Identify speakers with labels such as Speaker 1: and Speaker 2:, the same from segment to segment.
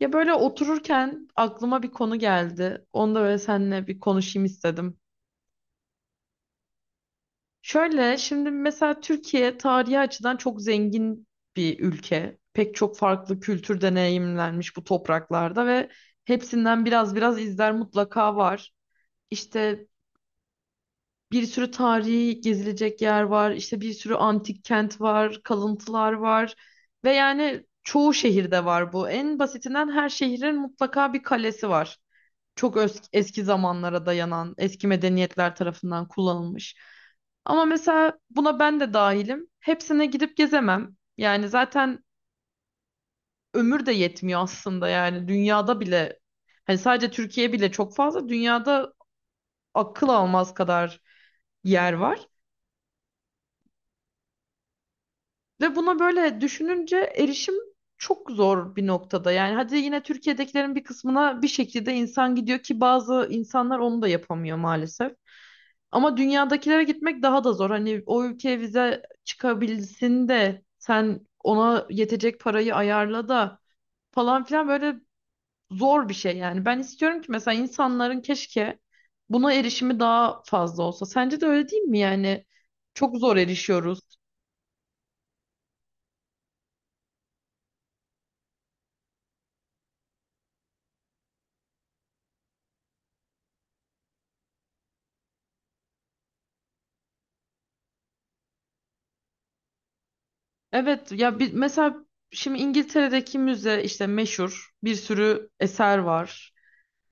Speaker 1: Ya böyle otururken aklıma bir konu geldi. Onu da böyle seninle bir konuşayım istedim. Şöyle şimdi mesela Türkiye tarihi açıdan çok zengin bir ülke. Pek çok farklı kültür deneyimlenmiş bu topraklarda ve hepsinden biraz biraz izler mutlaka var. İşte bir sürü tarihi gezilecek yer var. İşte bir sürü antik kent var, kalıntılar var. Ve yani çoğu şehirde var bu. En basitinden her şehrin mutlaka bir kalesi var. Çok eski zamanlara dayanan, eski medeniyetler tarafından kullanılmış. Ama mesela buna ben de dahilim. Hepsine gidip gezemem. Yani zaten ömür de yetmiyor aslında, yani dünyada bile, hani sadece Türkiye bile çok fazla, dünyada akıl almaz kadar yer var. Ve buna böyle düşününce erişim çok zor bir noktada. Yani hadi yine Türkiye'dekilerin bir kısmına bir şekilde insan gidiyor ki bazı insanlar onu da yapamıyor maalesef. Ama dünyadakilere gitmek daha da zor. Hani o ülkeye vize çıkabilsin de sen ona yetecek parayı ayarla da falan filan, böyle zor bir şey yani. Ben istiyorum ki mesela insanların keşke buna erişimi daha fazla olsa. Sence de öyle değil mi yani? Çok zor erişiyoruz. Evet ya bir, mesela şimdi İngiltere'deki müze, işte meşhur bir sürü eser var.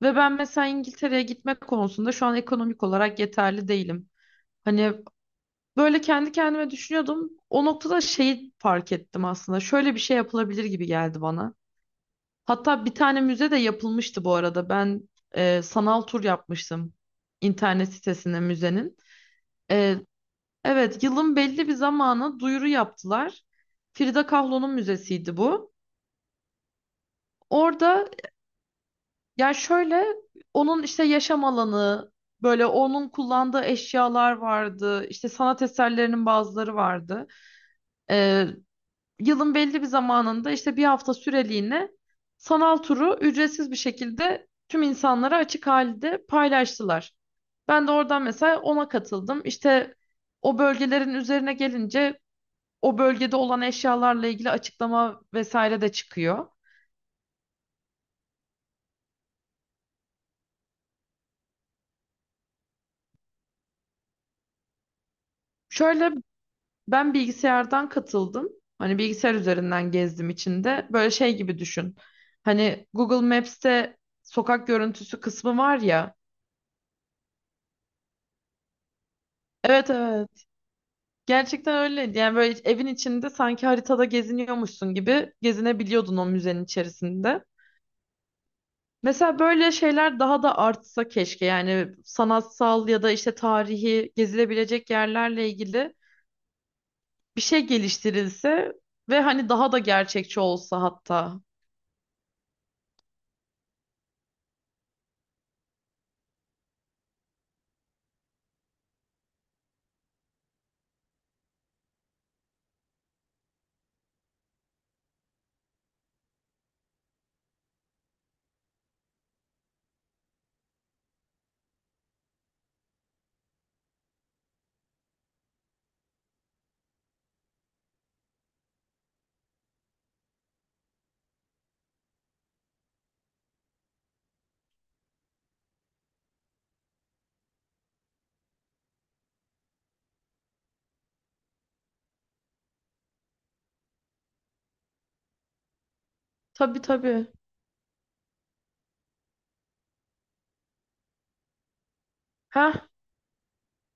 Speaker 1: Ve ben mesela İngiltere'ye gitmek konusunda şu an ekonomik olarak yeterli değilim. Hani böyle kendi kendime düşünüyordum. O noktada şeyi fark ettim aslında. Şöyle bir şey yapılabilir gibi geldi bana. Hatta bir tane müze de yapılmıştı bu arada. Ben sanal tur yapmıştım internet sitesine müzenin. E, evet, yılın belli bir zamanı duyuru yaptılar. Frida Kahlo'nun müzesiydi bu. Orada yani şöyle, onun işte yaşam alanı, böyle onun kullandığı eşyalar vardı. İşte sanat eserlerinin bazıları vardı. E, yılın belli bir zamanında işte bir hafta süreliğine sanal turu ücretsiz bir şekilde tüm insanlara açık halde paylaştılar. Ben de oradan mesela ona katıldım. İşte o bölgelerin üzerine gelince o bölgede olan eşyalarla ilgili açıklama vesaire de çıkıyor. Şöyle, ben bilgisayardan katıldım. Hani bilgisayar üzerinden gezdim içinde. Böyle şey gibi düşün. Hani Google Maps'te sokak görüntüsü kısmı var ya. Evet, evet. Gerçekten öyle. Yani böyle evin içinde sanki haritada geziniyormuşsun gibi gezinebiliyordun o müzenin içerisinde. Mesela böyle şeyler daha da artsa keşke. Yani sanatsal ya da işte tarihi gezilebilecek yerlerle ilgili bir şey geliştirilse ve hani daha da gerçekçi olsa hatta. Tabii, tabii. Ha,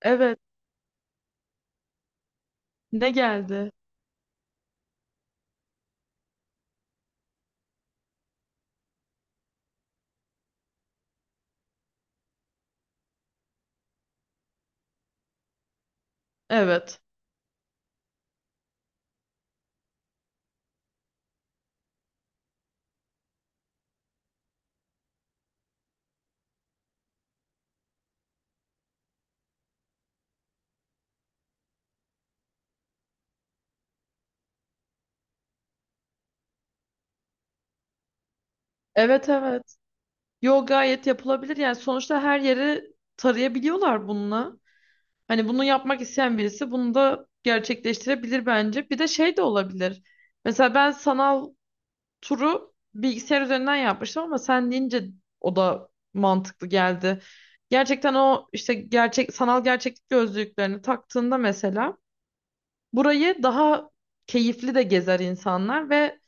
Speaker 1: evet. Ne geldi? Evet. Evet, evet. Yo, gayet yapılabilir. Yani sonuçta her yeri tarayabiliyorlar bununla. Hani bunu yapmak isteyen birisi bunu da gerçekleştirebilir bence. Bir de şey de olabilir. Mesela ben sanal turu bilgisayar üzerinden yapmıştım ama sen deyince o da mantıklı geldi. Gerçekten o, işte gerçek sanal gerçeklik gözlüklerini taktığında mesela burayı daha keyifli de gezer insanlar ve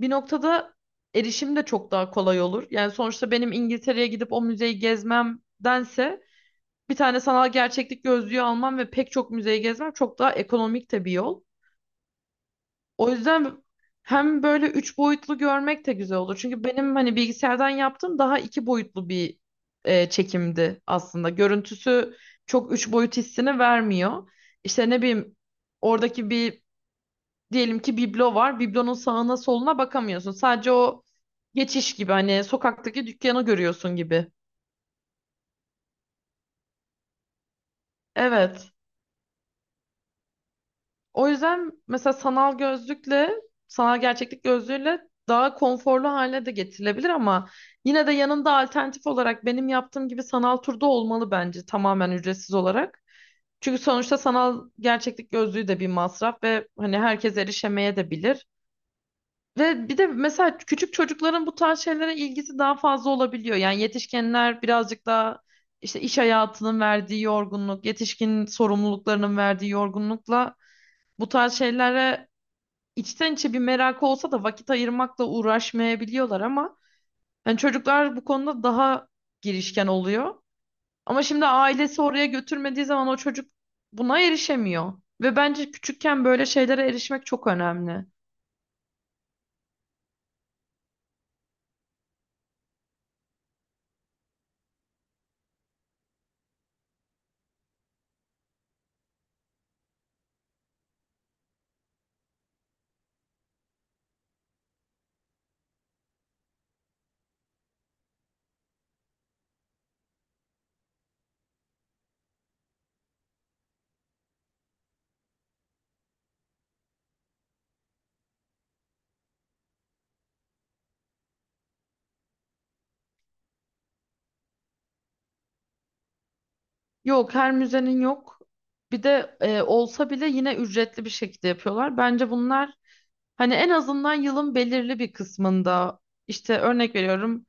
Speaker 1: bir noktada erişim de çok daha kolay olur. Yani sonuçta benim İngiltere'ye gidip o müzeyi gezmemdense bir tane sanal gerçeklik gözlüğü almam ve pek çok müzeyi gezmem çok daha ekonomik de bir yol. O yüzden hem böyle üç boyutlu görmek de güzel olur. Çünkü benim hani bilgisayardan yaptığım daha iki boyutlu bir çekimdi aslında. Görüntüsü çok üç boyut hissini vermiyor. İşte ne bileyim, oradaki bir, diyelim ki, biblo var. Biblonun sağına soluna bakamıyorsun. Sadece o geçiş gibi, hani sokaktaki dükkanı görüyorsun gibi. Evet. O yüzden mesela sanal gözlükle, sanal gerçeklik gözlüğüyle daha konforlu hale de getirilebilir ama yine de yanında alternatif olarak benim yaptığım gibi sanal turda olmalı bence, tamamen ücretsiz olarak. Çünkü sonuçta sanal gerçeklik gözlüğü de bir masraf ve hani herkes erişemeye de bilir. Ve bir de mesela küçük çocukların bu tarz şeylere ilgisi daha fazla olabiliyor. Yani yetişkinler birazcık daha işte iş hayatının verdiği yorgunluk, yetişkin sorumluluklarının verdiği yorgunlukla bu tarz şeylere içten içe bir merakı olsa da vakit ayırmakla uğraşmayabiliyorlar ama yani çocuklar bu konuda daha girişken oluyor. Ama şimdi ailesi oraya götürmediği zaman o çocuk buna erişemiyor. Ve bence küçükken böyle şeylere erişmek çok önemli. Yok, her müzenin yok. Bir de olsa bile yine ücretli bir şekilde yapıyorlar. Bence bunlar hani en azından yılın belirli bir kısmında, işte örnek veriyorum.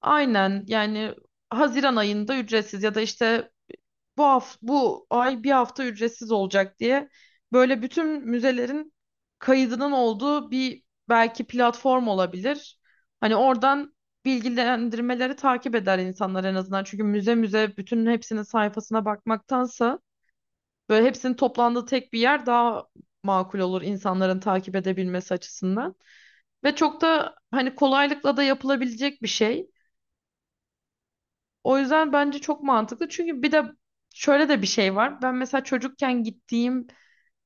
Speaker 1: Aynen yani, Haziran ayında ücretsiz ya da işte bu hafta, bu ay bir hafta ücretsiz olacak diye böyle bütün müzelerin kaydının olduğu bir belki platform olabilir. Hani oradan bilgilendirmeleri takip eder insanlar en azından. Çünkü müze müze bütün hepsinin sayfasına bakmaktansa böyle hepsinin toplandığı tek bir yer daha makul olur insanların takip edebilmesi açısından. Ve çok da hani kolaylıkla da yapılabilecek bir şey. O yüzden bence çok mantıklı. Çünkü bir de şöyle de bir şey var. Ben mesela çocukken gittiğim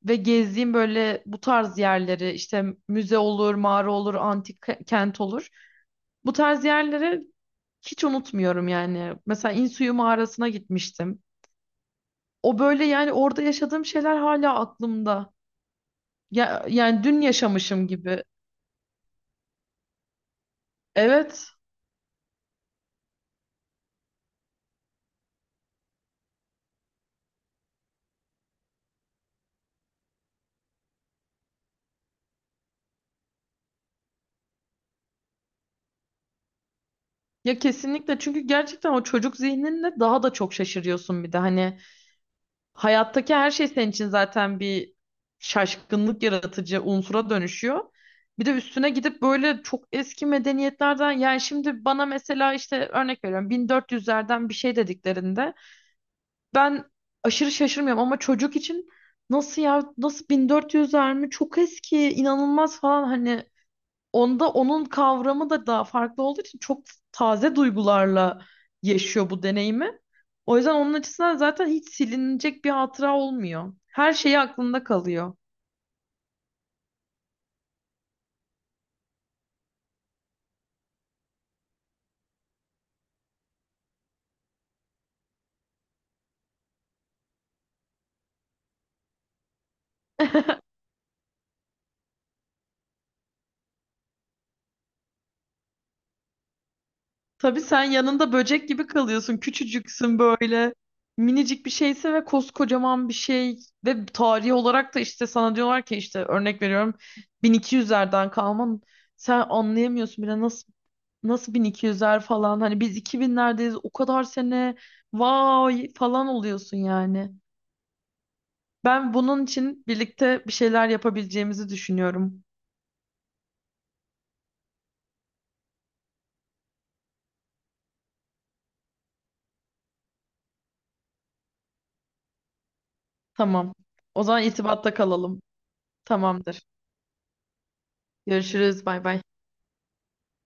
Speaker 1: ve gezdiğim böyle bu tarz yerleri, işte müze olur, mağara olur, antik kent olur. Bu tarz yerleri hiç unutmuyorum yani. Mesela İnsuyu mağarasına gitmiştim. O böyle, yani orada yaşadığım şeyler hala aklımda. Ya, yani dün yaşamışım gibi. Evet. Ya, kesinlikle, çünkü gerçekten o çocuk zihninle daha da çok şaşırıyorsun. Bir de hani hayattaki her şey senin için zaten bir şaşkınlık yaratıcı unsura dönüşüyor. Bir de üstüne gidip böyle çok eski medeniyetlerden, yani şimdi bana mesela işte örnek veriyorum 1400'lerden bir şey dediklerinde ben aşırı şaşırmıyorum ama çocuk için, nasıl ya, nasıl 1400'ler mi, çok eski, inanılmaz falan hani. Onda onun kavramı da daha farklı olduğu için çok taze duygularla yaşıyor bu deneyimi. O yüzden onun açısından zaten hiç silinecek bir hatıra olmuyor. Her şeyi aklında kalıyor. Tabii, sen yanında böcek gibi kalıyorsun. Küçücüksün böyle. Minicik bir şeyse ve koskocaman bir şey. Ve tarihi olarak da işte sana diyorlar ki, işte örnek veriyorum, 1200'lerden kalman. Sen anlayamıyorsun bile. Nasıl 1200'ler falan, hani biz 2000'lerdeyiz, o kadar sene, vay falan oluyorsun yani. Ben bunun için birlikte bir şeyler yapabileceğimizi düşünüyorum. Tamam. O zaman irtibatta kalalım. Tamamdır. Görüşürüz. Bay bay.